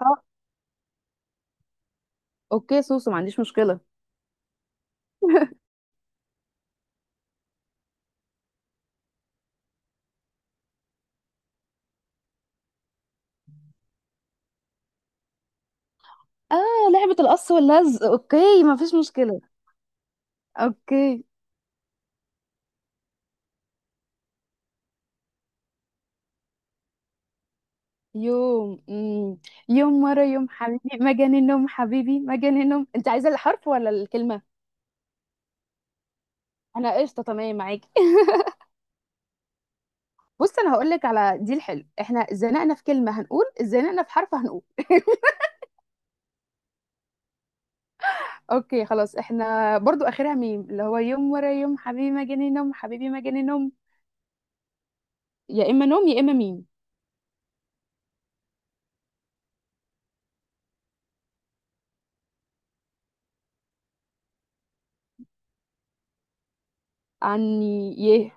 اه، اوكي سوسو، ما عنديش مشكلة. اه، لعبة القص واللزق. اوكي، ما فيش مشكلة. اوكي. يوم يوم ورا يوم حبيبي مجان النوم، حبيبي مجان النوم. انت عايزة الحرف ولا الكلمة؟ انا قشطة، تمام معاكي. بص، انا هقول لك على دي الحلو، احنا زنقنا في كلمة هنقول زنقنا في حرف هنقول. اوكي خلاص، احنا برضو اخرها ميم، اللي هو يوم ورا يوم حبيبي مجاني نوم، حبيبي مجاني نوم. يا اما نوم يا اما ميم. عني، يه.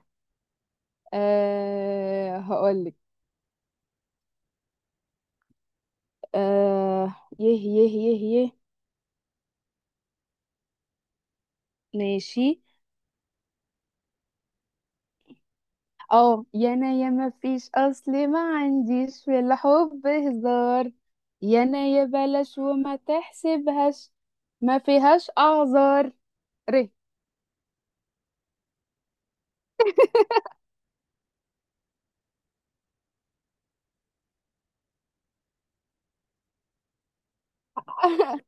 أه هقولك. آه، يه يه يه يه. ماشي. اه، يا انا يا ما فيش، اصل ما عنديش في الحب هزار، يا انا يا بلاش وما تحسبهاش، ما فيهاش اعذار. ره.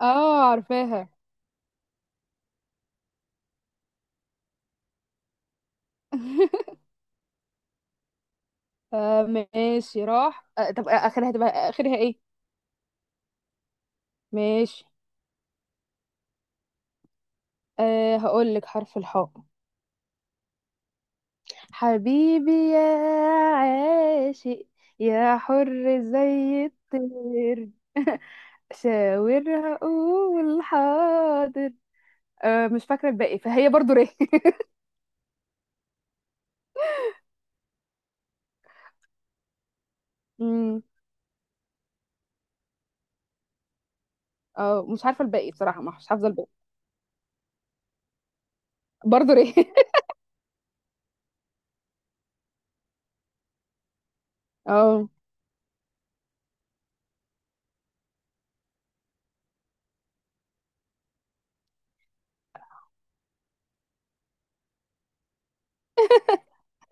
اه عارفاها. آه ماشي، راح. آه، طب اخرها هتبقى اخرها ايه؟ ماشي. آه هقول لك حرف الحاء. حبيبي يا عاشق، يا حر زي الطير. شاور، هقول حاضر. أه مش فاكرة الباقي، فهي برضو ري. أمم، اه مش عارفة الباقي بصراحة، مش حافظة الباقي. برضو ري. اه،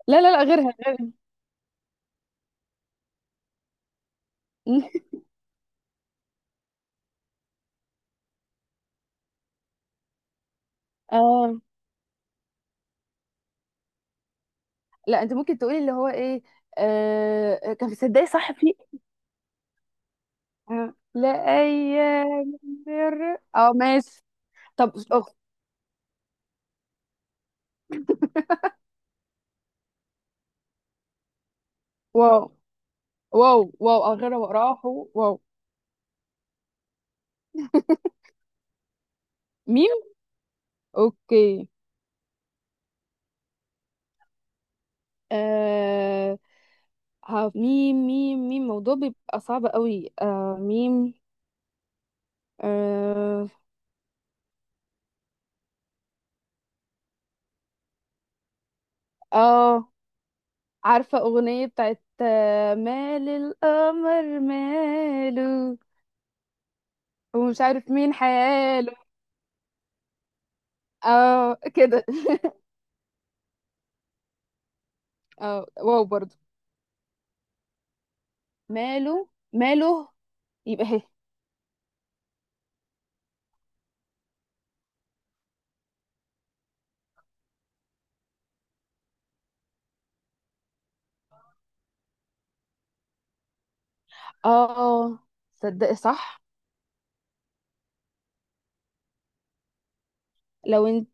لا لا لا، غيرها. اه لا، انت ممكن تقولي اللي هو ايه. آه، كان في صدقي صح، في. آه، لا ايام. اه ماشي. طب أوه. واو، واو واو أغرب، راحوا واو. ميم. أوكي. آه. ها، ميم ميم ميم، الموضوع بيبقى صعب قوي. آه ميم. آه. آه، عارفة أغنية بتاعت مال القمر ماله، ومش عارف مين حاله؟ اه كده. اه، واو برضو. ماله ماله. يبقى هي. اه صدق صح. لو انت.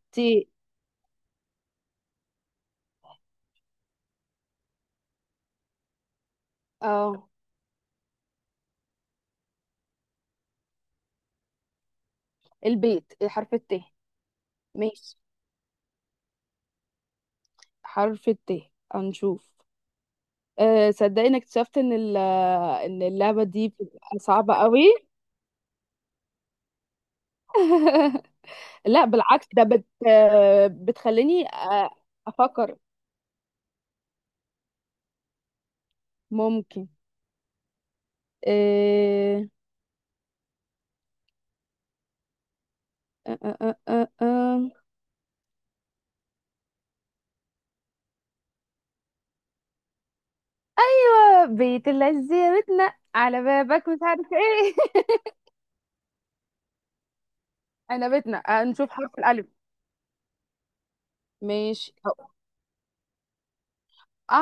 اه. البيت، حرف الت. ماشي. حرف الت، هنشوف. أه صدقني، انك اكتشفت ان اللعبه دي بتبقى صعبه قوي. لا بالعكس، ده بت آه، بتخليني. افكر. ممكن. إيه... أه أه أه أه. آه، بيت الذي، بيتنا على بابك مش عارف ايه. انا بيتنا. آه، نشوف حرف الالف. ماشي.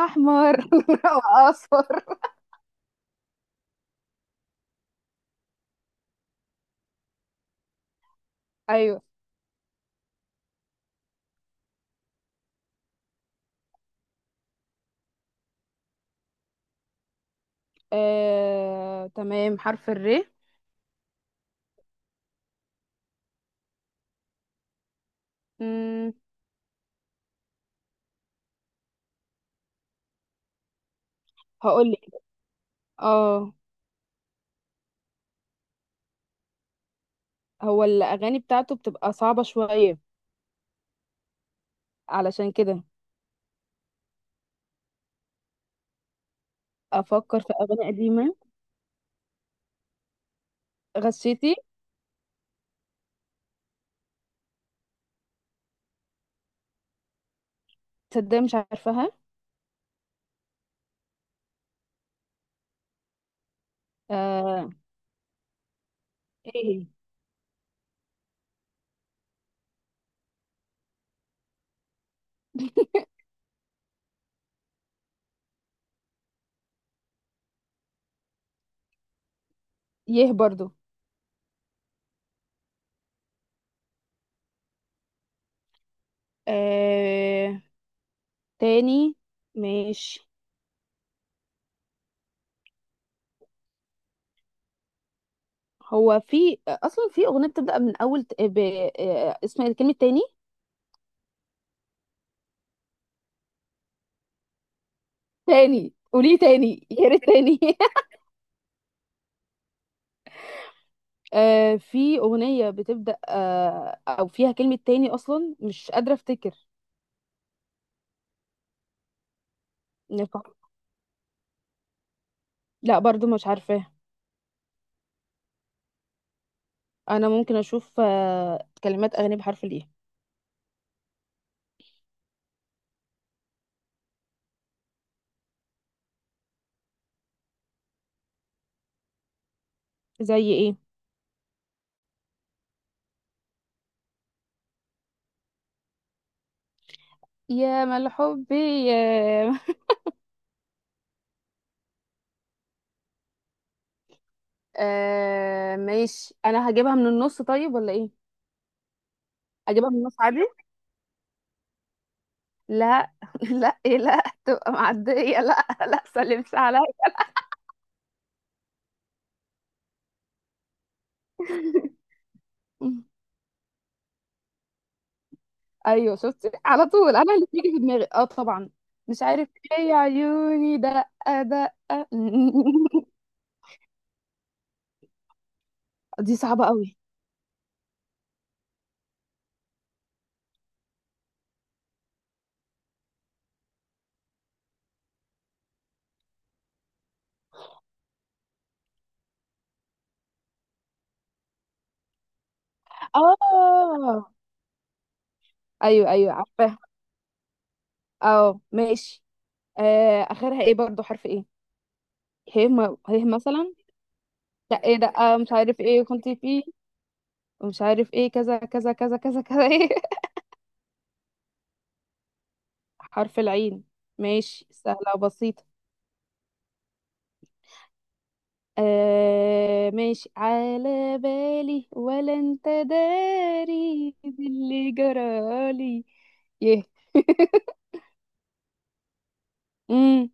احمر. واصفر. ايوه. تمام، حرف الر. هقول لك. اه. هو الأغاني بتاعته بتبقى صعبة شوية علشان كده. أفكر في أغاني قديمة. غشيتي؟ تصدق مش عارفاها. آه، ايه. يه برضو. آه تاني. ماشي. هو في أصلا في أغنية بتبدأ من أول آه، اسم الكلمة تاني. تاني قوليه، تاني. يا ريت تاني. آه، في أغنية بتبدأ آه أو فيها كلمة تاني، أصلا مش قادرة أفتكر. نفع- لا برضو مش عارفاها. انا ممكن اشوف كلمات اغاني بحرف الايه. زي ايه؟ يا مال حبي، يا. آه ماشي، انا هجيبها من النص طيب ولا ايه؟ اجيبها من النص عادي. لا. لا إيه، لا تبقى معديه، لا لا سلمش عليا. ايوه شفتي على طول، انا اللي بيجي في دماغي اه طبعا. مش عارف ايه يا عيوني دقه. دقه. دي صعبه قوي. اه. ايوه ايوه، عارفاها. اه ماشي. آه اخرها ايه؟ برضو حرف ايه. هي مثلا. لا ايه ده، آه مش عارف ايه كنت فيه، ومش عارف ايه كذا كذا كذا كذا كذا ايه. حرف العين. ماشي، سهلة وبسيطة. آه ماشي، على بالي ولا انت داري باللي جرالي. يه. امم.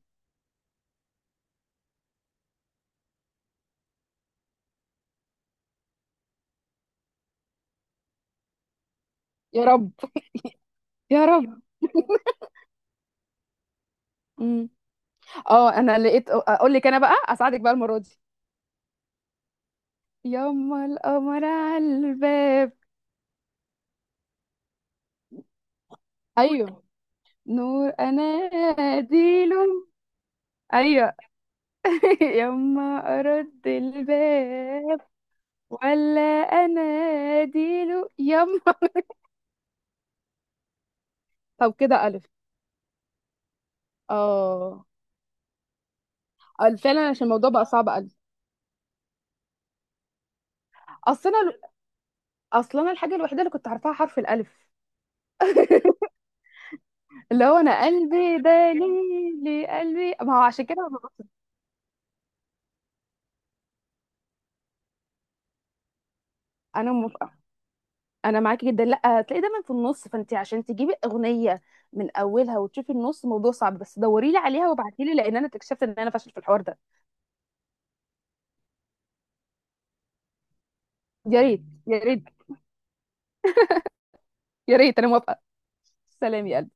يا رب. يا رب. امم. اه انا لقيت، اقول لك انا بقى اساعدك بقى المرة دي. يما القمر على الباب. ايوه. نور أنا ديل. أيوة. يما، أرد الباب ولا أنا ديل يما. طب كده ألف. اه. آه، فعلا عشان الموضوع بقى صعب. ألف. أصل أنا أصل أنا الحاجة الوحيدة اللي كنت عارفاها حرف الألف. اللي هو أنا قلبي دليلي، قلبي ما هو، عشان كده. أنا موافقة. انا معاكي جدا، لا هتلاقي دايما في النص، فانت عشان تجيبي اغنيه من اولها وتشوفي النص موضوع صعب، بس دوري لي عليها وابعتي لي، لان انا اكتشفت ان انا فاشل في الحوار ده. يا ريت يا ريت. يا ريت. انا موافقه. سلام يا قلبي.